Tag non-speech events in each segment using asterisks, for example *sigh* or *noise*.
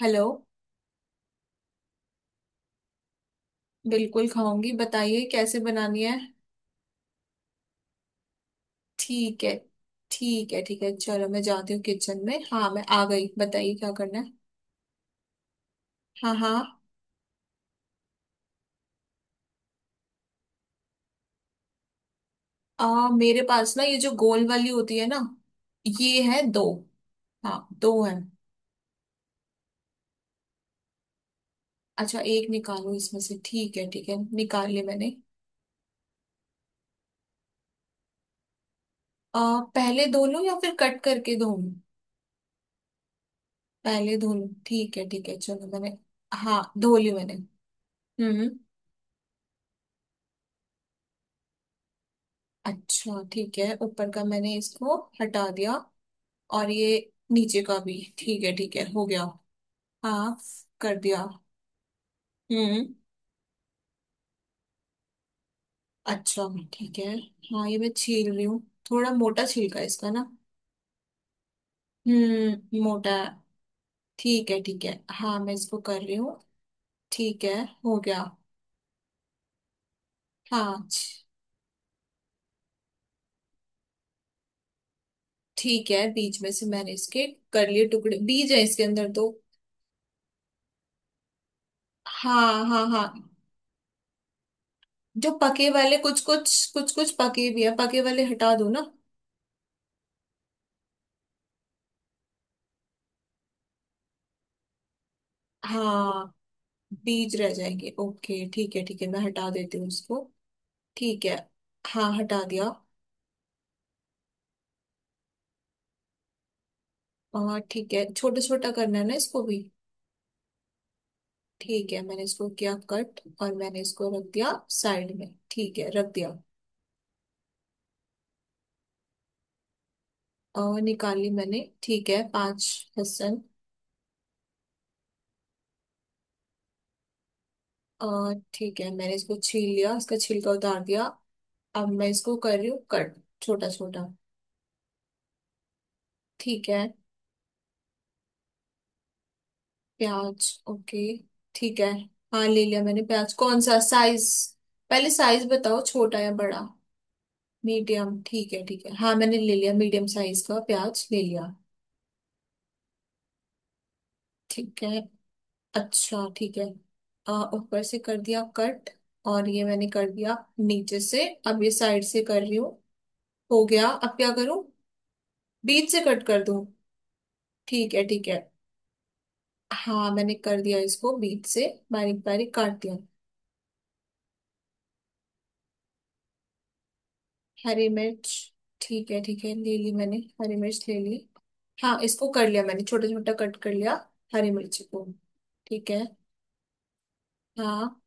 Hello. बिल्कुल खाऊंगी, बताइए कैसे बनानी है। ठीक है, ठीक है ठीक है, चलो मैं जाती हूँ किचन में। हाँ मैं आ गई, बताइए क्या करना है। हाँ हाँ। मेरे पास ना ये जो गोल वाली होती है ना, ये है दो। हाँ दो है। अच्छा, एक निकालो इसमें से। ठीक है ठीक है, निकाल लिया मैंने। पहले धो लूँ या फिर कट करके धो लूं? पहले धो लूँ, ठीक है ठीक है, चलो मैंने। हाँ धो ली मैंने। हम्म। अच्छा ठीक है, ऊपर का मैंने इसको हटा दिया। और ये नीचे का भी, ठीक है हो गया। हाँ, कर दिया। हम्म। अच्छा ठीक है, हाँ ये मैं छील रही हूँ। थोड़ा मोटा छिलका है इसका ना। हम्म, मोटा है। ठीक है ठीक है, हाँ मैं इसको कर रही हूँ। ठीक है, हो गया। हाँ। ठीक है, बीज में से मैंने इसके कर लिए टुकड़े। बीज है इसके अंदर तो। हाँ हाँ हाँ। जो पके वाले, कुछ कुछ पके भी है, पके वाले हटा दो ना। हाँ, बीज रह जाएंगे। ओके ठीक है ठीक है, मैं हटा देती हूँ इसको। ठीक है। हाँ हटा दिया। और ठीक है, छोटा छोटा करना है ना इसको भी। ठीक है, मैंने इसको किया कट और मैंने इसको रख दिया साइड में। ठीक है, रख दिया। और निकाल ली मैंने, ठीक है पांच लहसुन। और ठीक है, मैंने इसको छील लिया, इसका छिलका उतार दिया। अब मैं इसको कर रही हूँ कट, छोटा छोटा। ठीक है। प्याज, ओके ठीक है। हाँ ले लिया मैंने प्याज। कौन सा साइज? पहले साइज बताओ, छोटा या बड़ा। मीडियम, ठीक है ठीक है। हाँ मैंने ले लिया, मीडियम साइज का प्याज ले लिया। ठीक है, अच्छा ठीक है। ऊपर से कर दिया कट, और ये मैंने कर दिया नीचे से, अब ये साइड से कर रही हूँ। हो गया, अब क्या करूँ? बीच से कट कर दूँ? ठीक है ठीक है। हाँ मैंने कर दिया इसको बीच से, बारीक बारीक काट दिया। हरी मिर्च, ठीक है ठीक है, ले ली मैंने हरी मिर्च ले ली। हाँ इसको कर लिया मैंने, छोटा छोटा कट कर लिया, हरी मिर्च को। ठीक है। हाँ।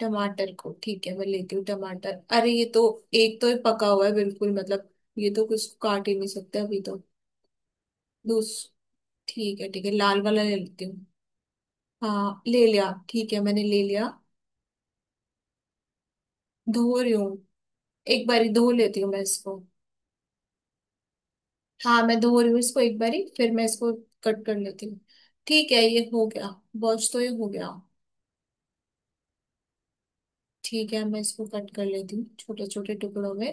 टमाटर को, ठीक है मैं लेती हूँ टमाटर। अरे ये तो, एक तो ये पका हुआ है बिल्कुल, मतलब ये तो कुछ काट ही नहीं सकते अभी तो। दूस ठीक है ठीक है, लाल वाला ले लेती हूँ। हाँ ले लिया, ठीक है मैंने ले लिया। धो रही हूँ, एक बारी धो लेती हूँ मैं इसको। हाँ मैं धो रही हूँ इसको एक बारी, फिर मैं इसको कट कर लेती हूँ। ठीक है, ये हो गया। वॉश तो ये हो गया। ठीक है, मैं इसको कट कर लेती हूँ, छोटे छोटे टुकड़ों में।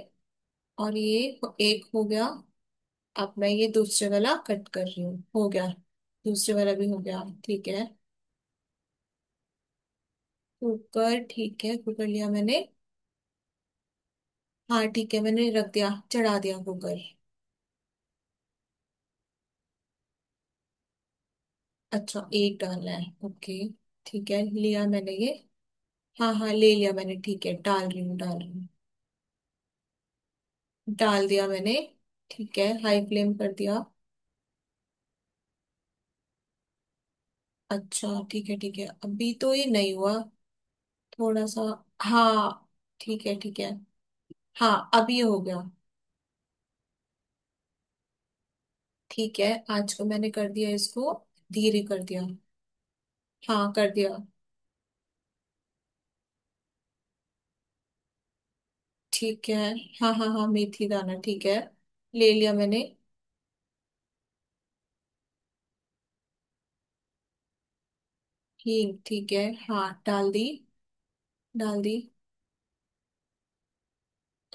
और ये एक हो गया। अब मैं ये दूसरे वाला कट कर रही हूँ। हो गया, दूसरे वाला भी हो गया। ठीक है। कुकर, ठीक है कुकर लिया मैंने। हाँ ठीक है, मैंने रख दिया, चढ़ा दिया कुकर। अच्छा, एक डालना है, ओके ठीक है, लिया मैंने ये। हाँ हाँ ले लिया मैंने, ठीक है डाल रही हूँ डाल रही हूँ। डाल दिया मैंने। ठीक है, हाई फ्लेम कर दिया। अच्छा ठीक है ठीक है, अभी तो ये नहीं हुआ, थोड़ा सा। हाँ, ठीक है ठीक है। हाँ अब ये हो गया। ठीक है, आज को मैंने कर दिया इसको, धीरे कर दिया। हाँ कर दिया। ठीक है। हाँ हाँ हाँ, मेथी दाना ठीक है, ले लिया मैंने। हींग, ठीक है हाँ डाल दी। डाल दी।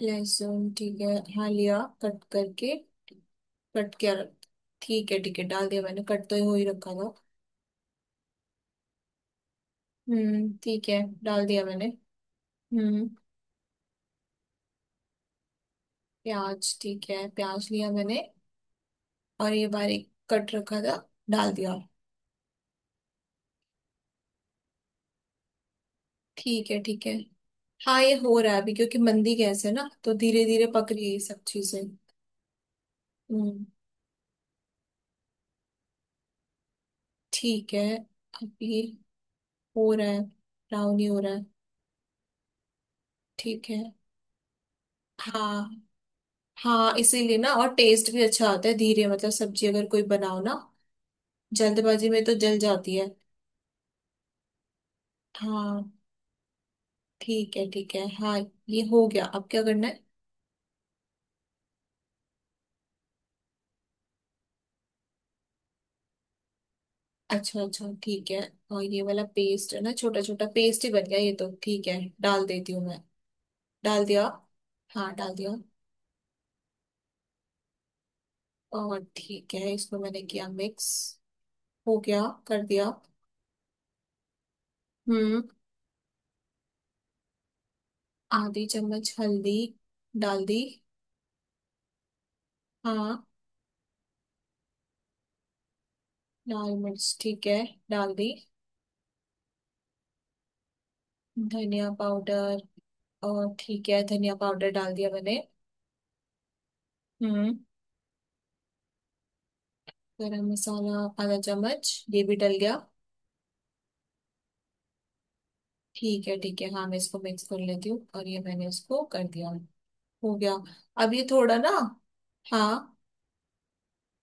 लहसुन, ठीक है हाँ लिया कट करके, कट किया। ठीक है ठीक है, डाल दिया मैंने, कट तो हो ही रखा था। ठीक है, डाल दिया मैंने। हम्म। प्याज, ठीक है प्याज लिया मैंने। और ये बारीक कट रखा था, डाल दिया। ठीक है ठीक है। हाँ ये हो रहा है अभी, क्योंकि मंदी गैस है ना तो धीरे धीरे पक रही है ये सब चीजें। हम्म। ठीक है। अब ये हो रहा है, ब्राउन ही हो रहा है। ठीक है। हाँ हाँ, इसीलिए ना, और टेस्ट भी अच्छा आता है धीरे। मतलब सब्जी अगर कोई बनाओ ना जल्दबाजी में तो जल जाती है। हाँ। ठीक है ठीक है। हाँ ये हो गया, अब क्या करना है? अच्छा अच्छा, ठीक है। और ये वाला पेस्ट है ना, छोटा छोटा पेस्ट ही बन गया ये तो, ठीक है। डाल देती हूँ मैं। डाल दिया। हाँ डाल दिया। और ठीक है, इसको मैंने किया मिक्स। हो गया, कर दिया। हम्म। आधी चम्मच हल्दी डाल दी। हाँ। लाल मिर्च, ठीक है डाल दी। धनिया पाउडर, और ठीक है धनिया पाउडर डाल दिया मैंने। हम्म। गरम मसाला, आधा चम्मच ये भी डल गया। ठीक है ठीक है, हाँ मैं इसको मिक्स कर लेती हूँ। और ये मैंने इसको कर दिया, हो गया। अब ये थोड़ा ना। हाँ।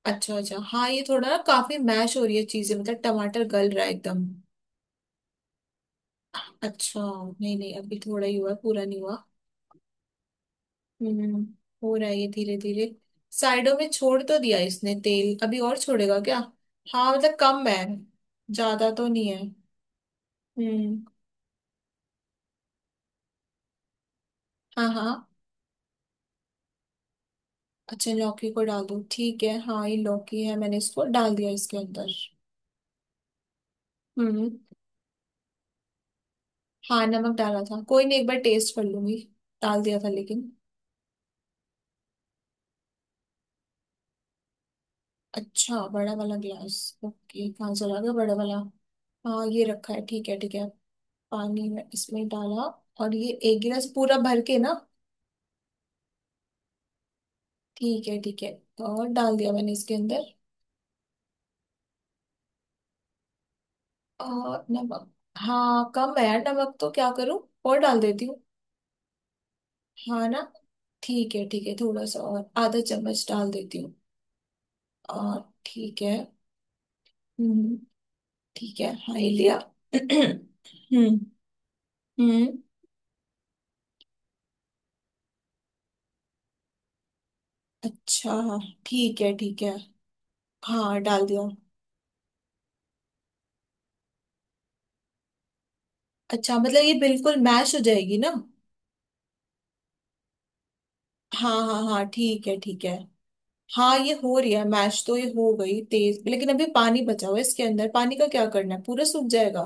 अच्छा अच्छा, हाँ ये थोड़ा ना, काफी मैश हो रही है चीजें। मतलब टमाटर गल रहा है एकदम। अच्छा, नहीं नहीं अभी थोड़ा ही हुआ है, पूरा नहीं हुआ। हम्म। हो रहा है ये धीरे धीरे। साइडों में छोड़ तो दिया इसने तेल, अभी और छोड़ेगा क्या? हाँ, मतलब कम है। ज्यादा तो नहीं है। हम्म। हाँ हाँ। अच्छा, लौकी को डाल दो, ठीक है। हाँ ये लौकी है, मैंने इसको डाल दिया इसके अंदर। हम्म। हाँ नमक डाला था, कोई नहीं एक बार टेस्ट कर लूंगी, डाल दिया था लेकिन। अच्छा, बड़ा वाला गिलास, ओके। कहाँ चला गया बड़ा वाला? हाँ ये रखा है, ठीक है ठीक है। पानी में इसमें डाला, और ये एक गिलास पूरा भर के ना। ठीक है ठीक है, और डाल दिया मैंने इसके अंदर। और नमक, हाँ कम है यार नमक तो, क्या करूँ, और डाल देती हूँ। हाँ ना। ठीक है ठीक है, थोड़ा सा और आधा चम्मच डाल देती हूँ। और, ठीक है। हम्म। ठीक है, हाँ ये लिया। *clears throat* हम्म। हम्म। अच्छा हाँ। ठीक है ठीक है। हाँ डाल दिया। अच्छा, मतलब ये बिल्कुल मैश हो जाएगी ना। हाँ हाँ हाँ, ठीक है ठीक है। हाँ ये हो रही है मैश तो, ये हो गई तेज, लेकिन अभी पानी बचा हुआ है इसके अंदर। पानी का क्या करना है, पूरा सूख जाएगा?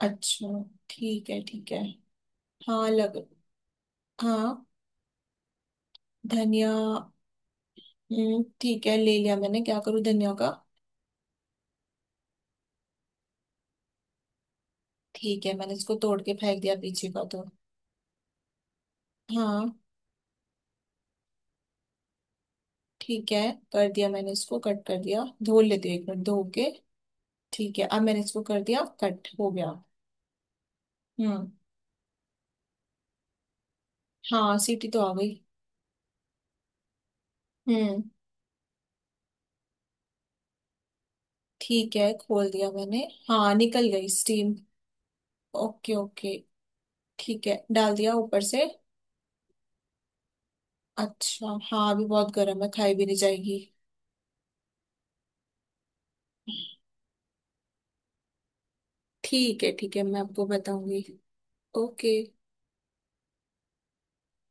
अच्छा। ठीक है ठीक है। हाँ लग। हाँ, धनिया। ठीक है ले लिया मैंने। क्या करूँ धनिया का? ठीक है, मैंने इसको तोड़ के फेंक दिया पीछे का तो। हाँ। ठीक है, कर दिया मैंने इसको, कट कर दिया, धो लेती हूँ एक मिनट धो के। ठीक है, अब मैंने इसको कर दिया कट, हो गया। हम्म। हाँ सीटी तो आ गई। हम्म। ठीक है, खोल दिया मैंने। हाँ निकल गई स्टीम। Okay okay. ठीक है, डाल दिया ऊपर से। अच्छा हाँ, अभी बहुत गर्म है, खाई भी नहीं जाएगी। ठीक है ठीक है, मैं आपको बताऊंगी। ओके।